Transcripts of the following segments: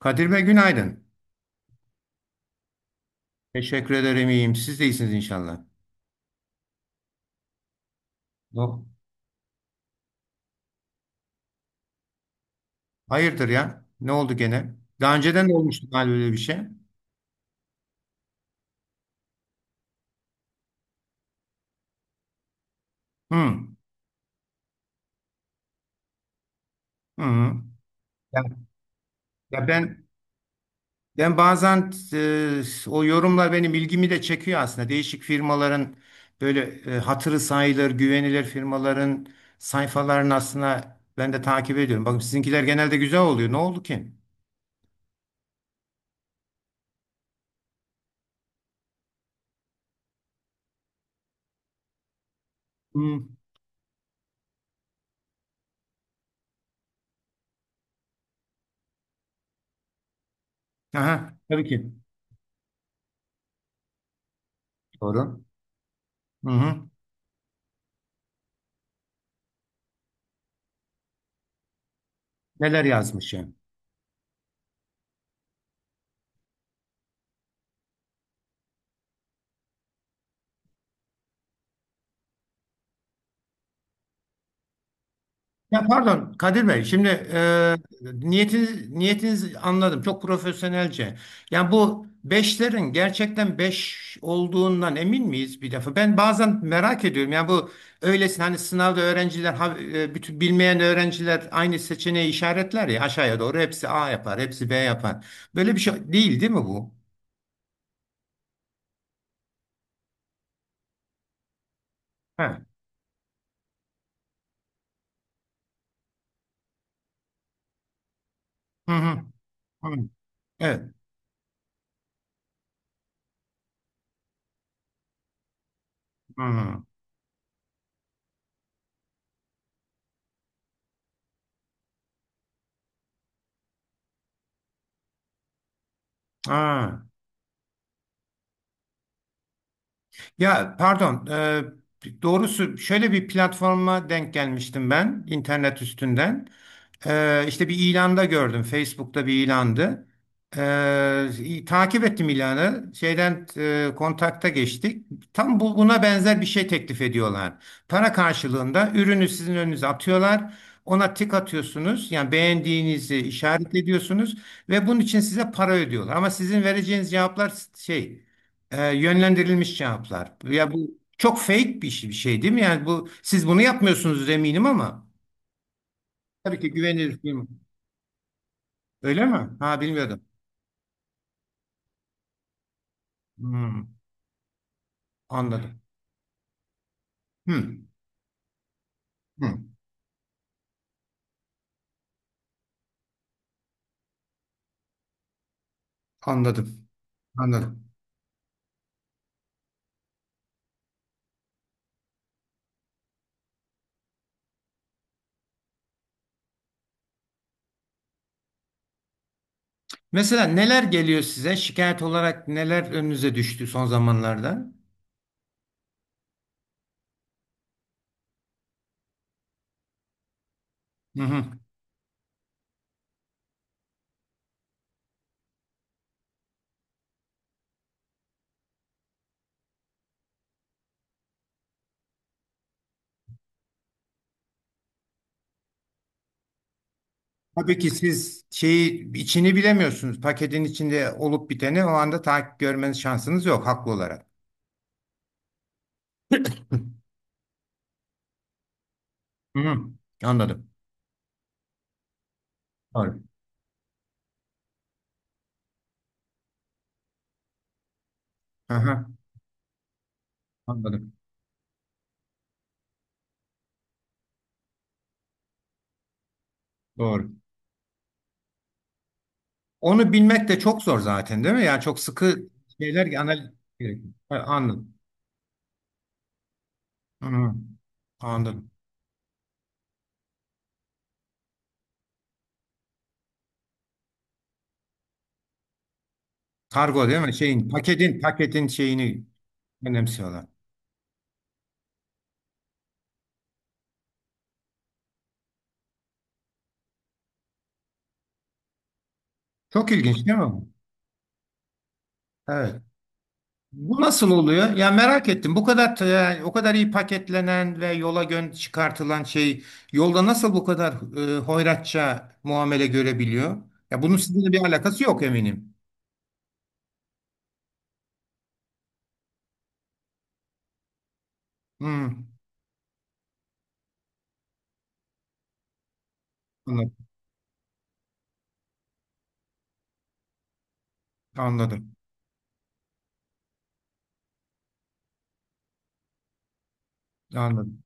Kadir Bey günaydın. Teşekkür ederim iyiyim. Siz de iyisiniz inşallah. Yok. Hayırdır ya? Ne oldu gene? Daha önceden de olmuştu galiba böyle bir şey. Hı. Hı. Hı. Ya, ya, ben bazen o yorumlar benim ilgimi de çekiyor aslında. Değişik firmaların böyle hatırı sayılır, güvenilir firmaların sayfalarını aslında ben de takip ediyorum. Bakın sizinkiler genelde güzel oluyor. Ne oldu ki? Hı. Aha, tabii ki. Doğru. Hı hı. Neler yazmış ya? Ya pardon Kadir Bey, şimdi niyetinizi anladım. Çok profesyonelce. Yani bu beşlerin gerçekten beş olduğundan emin miyiz bir defa? Ben bazen merak ediyorum. Yani bu öylesine hani sınavda öğrenciler, bütün bilmeyen öğrenciler aynı seçeneği işaretler ya aşağıya doğru. Hepsi A yapar, hepsi B yapar. Böyle bir şey değil değil mi bu? He. Hı hı. Hı. Evet. Hı. Ha. Ya pardon, doğrusu şöyle bir platforma denk gelmiştim ben internet üstünden. İşte bir ilanda gördüm. Facebook'ta bir ilandı. Takip ettim ilanı. Şeyden kontakta geçtik. Tam buna benzer bir şey teklif ediyorlar. Para karşılığında ürünü sizin önünüze atıyorlar. Ona tik atıyorsunuz. Yani beğendiğinizi işaret ediyorsunuz ve bunun için size para ödüyorlar. Ama sizin vereceğiniz cevaplar şey yönlendirilmiş cevaplar. Ya bu çok fake bir şey değil mi? Yani bu siz bunu yapmıyorsunuz eminim ama tabii ki güvenilir değil mi? Öyle mi? Ha bilmiyordum. Hmm, anladım. Hmm, hmm, anladım. Anladım. Mesela neler geliyor size? Şikayet olarak neler önünüze düştü son zamanlarda? Hı hı. Tabii ki siz içini bilemiyorsunuz. Paketin içinde olup biteni o anda takip görmeniz şansınız yok haklı olarak. Hı hı. Anladım. Doğru. Hı hı. Anladım. Doğru. Onu bilmek de çok zor zaten değil mi? Yani çok sıkı şeyler analiz gerekiyor. Ha, anladım. Hı hı. Anladım. Kargo değil mi? Şeyin, paketin paketin şeyini önemsiyorlar. Çok ilginç değil mi bu? Evet. Bu nasıl oluyor? Ya merak ettim. Bu kadar o kadar iyi paketlenen ve yola çıkartılan şey yolda nasıl bu kadar hoyratça muamele görebiliyor? Ya bunun sizinle bir alakası yok eminim. Hmm, anladım. Anladım. Anladım.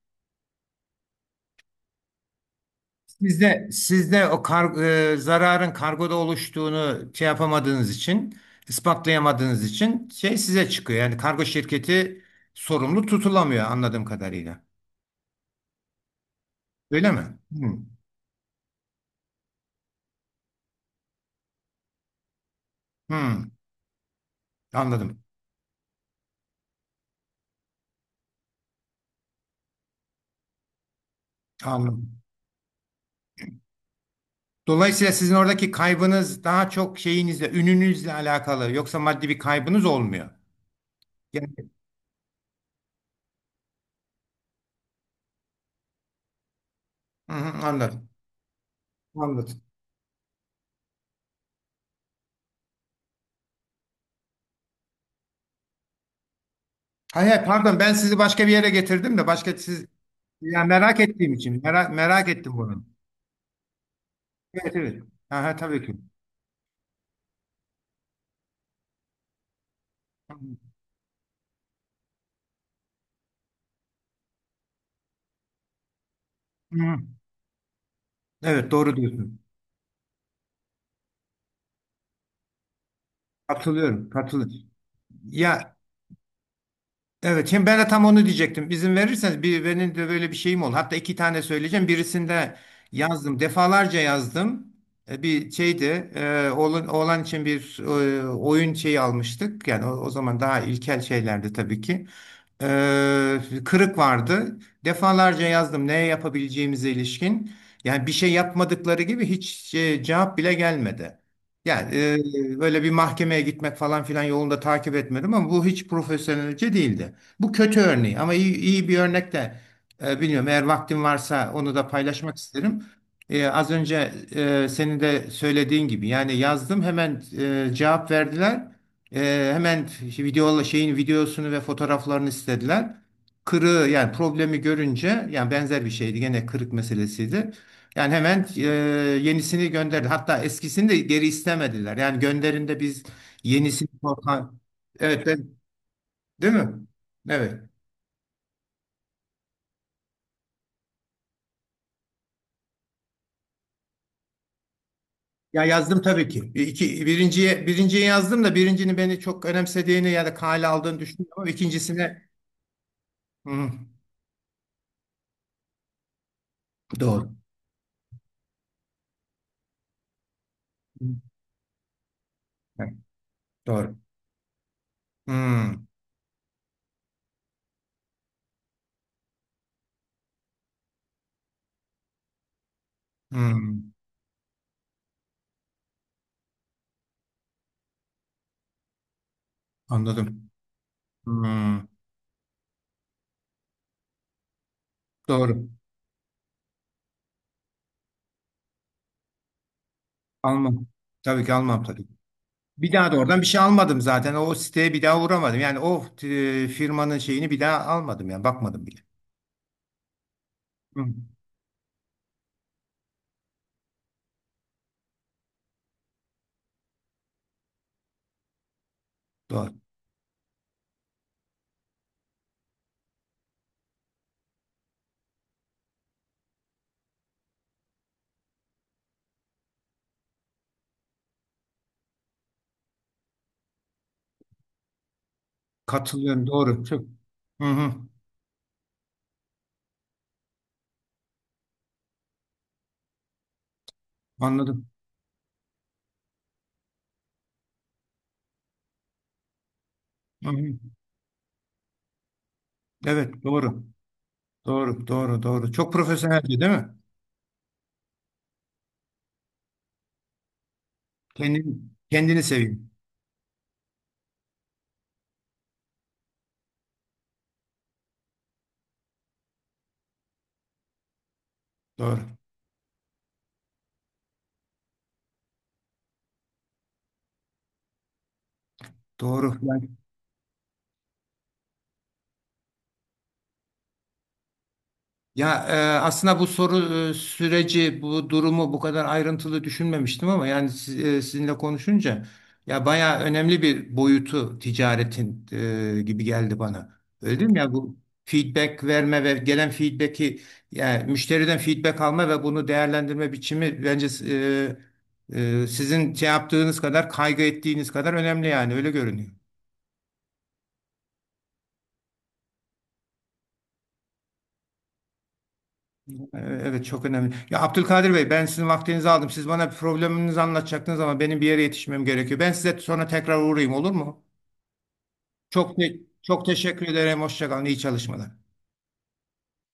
Sizde o zararın kargoda oluştuğunu şey yapamadığınız için, ispatlayamadığınız için şey size çıkıyor. Yani kargo şirketi sorumlu tutulamıyor anladığım kadarıyla. Öyle mi? Hmm. Hmm. Anladım. Anladım. Dolayısıyla sizin oradaki kaybınız daha çok şeyinizle, ününüzle alakalı. Yoksa maddi bir kaybınız olmuyor. Yani. Hı hı, anladım. Anladım. Hayır, hayır, pardon ben sizi başka bir yere getirdim de başka siz ya merak ettiğim için merak ettim bunu. Evet evet. Aha, tabii ki. Hı hı. Evet doğru diyorsun. Katılıyorum. Katılıyorum. Ya evet şimdi ben de tam onu diyecektim. İzin verirseniz bir benim de böyle bir şeyim oldu. Hatta iki tane söyleyeceğim. Birisinde yazdım. Defalarca yazdım. Bir şeydi. Oğlan için bir oyun şeyi almıştık. Yani o zaman daha ilkel şeylerdi tabii ki. Ee, Kırık vardı. Defalarca yazdım ne yapabileceğimize ilişkin. Yani bir şey yapmadıkları gibi hiç cevap bile gelmedi. Yani böyle bir mahkemeye gitmek falan filan yolunda takip etmedim ama bu hiç profesyonelce değildi. Bu kötü örneği ama iyi bir örnek de bilmiyorum. Eğer vaktim varsa onu da paylaşmak isterim. Az önce senin de söylediğin gibi yani yazdım hemen cevap verdiler. Hemen şeyin videosunu ve fotoğraflarını istediler. Kırığı yani problemi görünce yani benzer bir şeydi gene kırık meselesiydi. Yani hemen yenisini gönderdi. Hatta eskisini de geri istemediler. Yani gönderinde biz yenisini korkan evet ben- değil mi? Evet. Ya yazdım tabii ki. Birinciye yazdım da birincinin beni çok önemsediğini ya da kale aldığını düşünüyorum ama ikincisine. Hı, doğru. Hı, evet, doğru. Hı, hı, anladım. Hmm, doğru. Almam. Tabii ki almam tabii. Bir daha da oradan bir şey almadım zaten. O siteye bir daha uğramadım. Yani o firmanın şeyini bir daha almadım yani bakmadım bile. Hı, doğru. Katılıyorum doğru. Çok. Hı hı, anladım. Hı hı. Evet doğru. Doğru doğru doğru. Çok profesyonelce değil mi? Kendini, kendini seveyim. Doğru. Doğru. Yani Ya e, aslında bu süreci, bu durumu bu kadar ayrıntılı düşünmemiştim ama yani sizinle konuşunca ya bayağı önemli bir boyutu ticaretin gibi geldi bana. Öyle değil mi? Ya bu feedback verme ve gelen feedback'i yani müşteriden feedback alma ve bunu değerlendirme biçimi bence sizin şey yaptığınız kadar kaygı ettiğiniz kadar önemli yani öyle görünüyor. Evet çok önemli. Ya Abdülkadir Bey ben sizin vaktinizi aldım. Siz bana probleminizi anlatacaktınız ama benim bir yere yetişmem gerekiyor. Ben size sonra tekrar uğrayayım olur mu? Çok te- Çok teşekkür ederim. Hoşça kalın. İyi çalışmalar.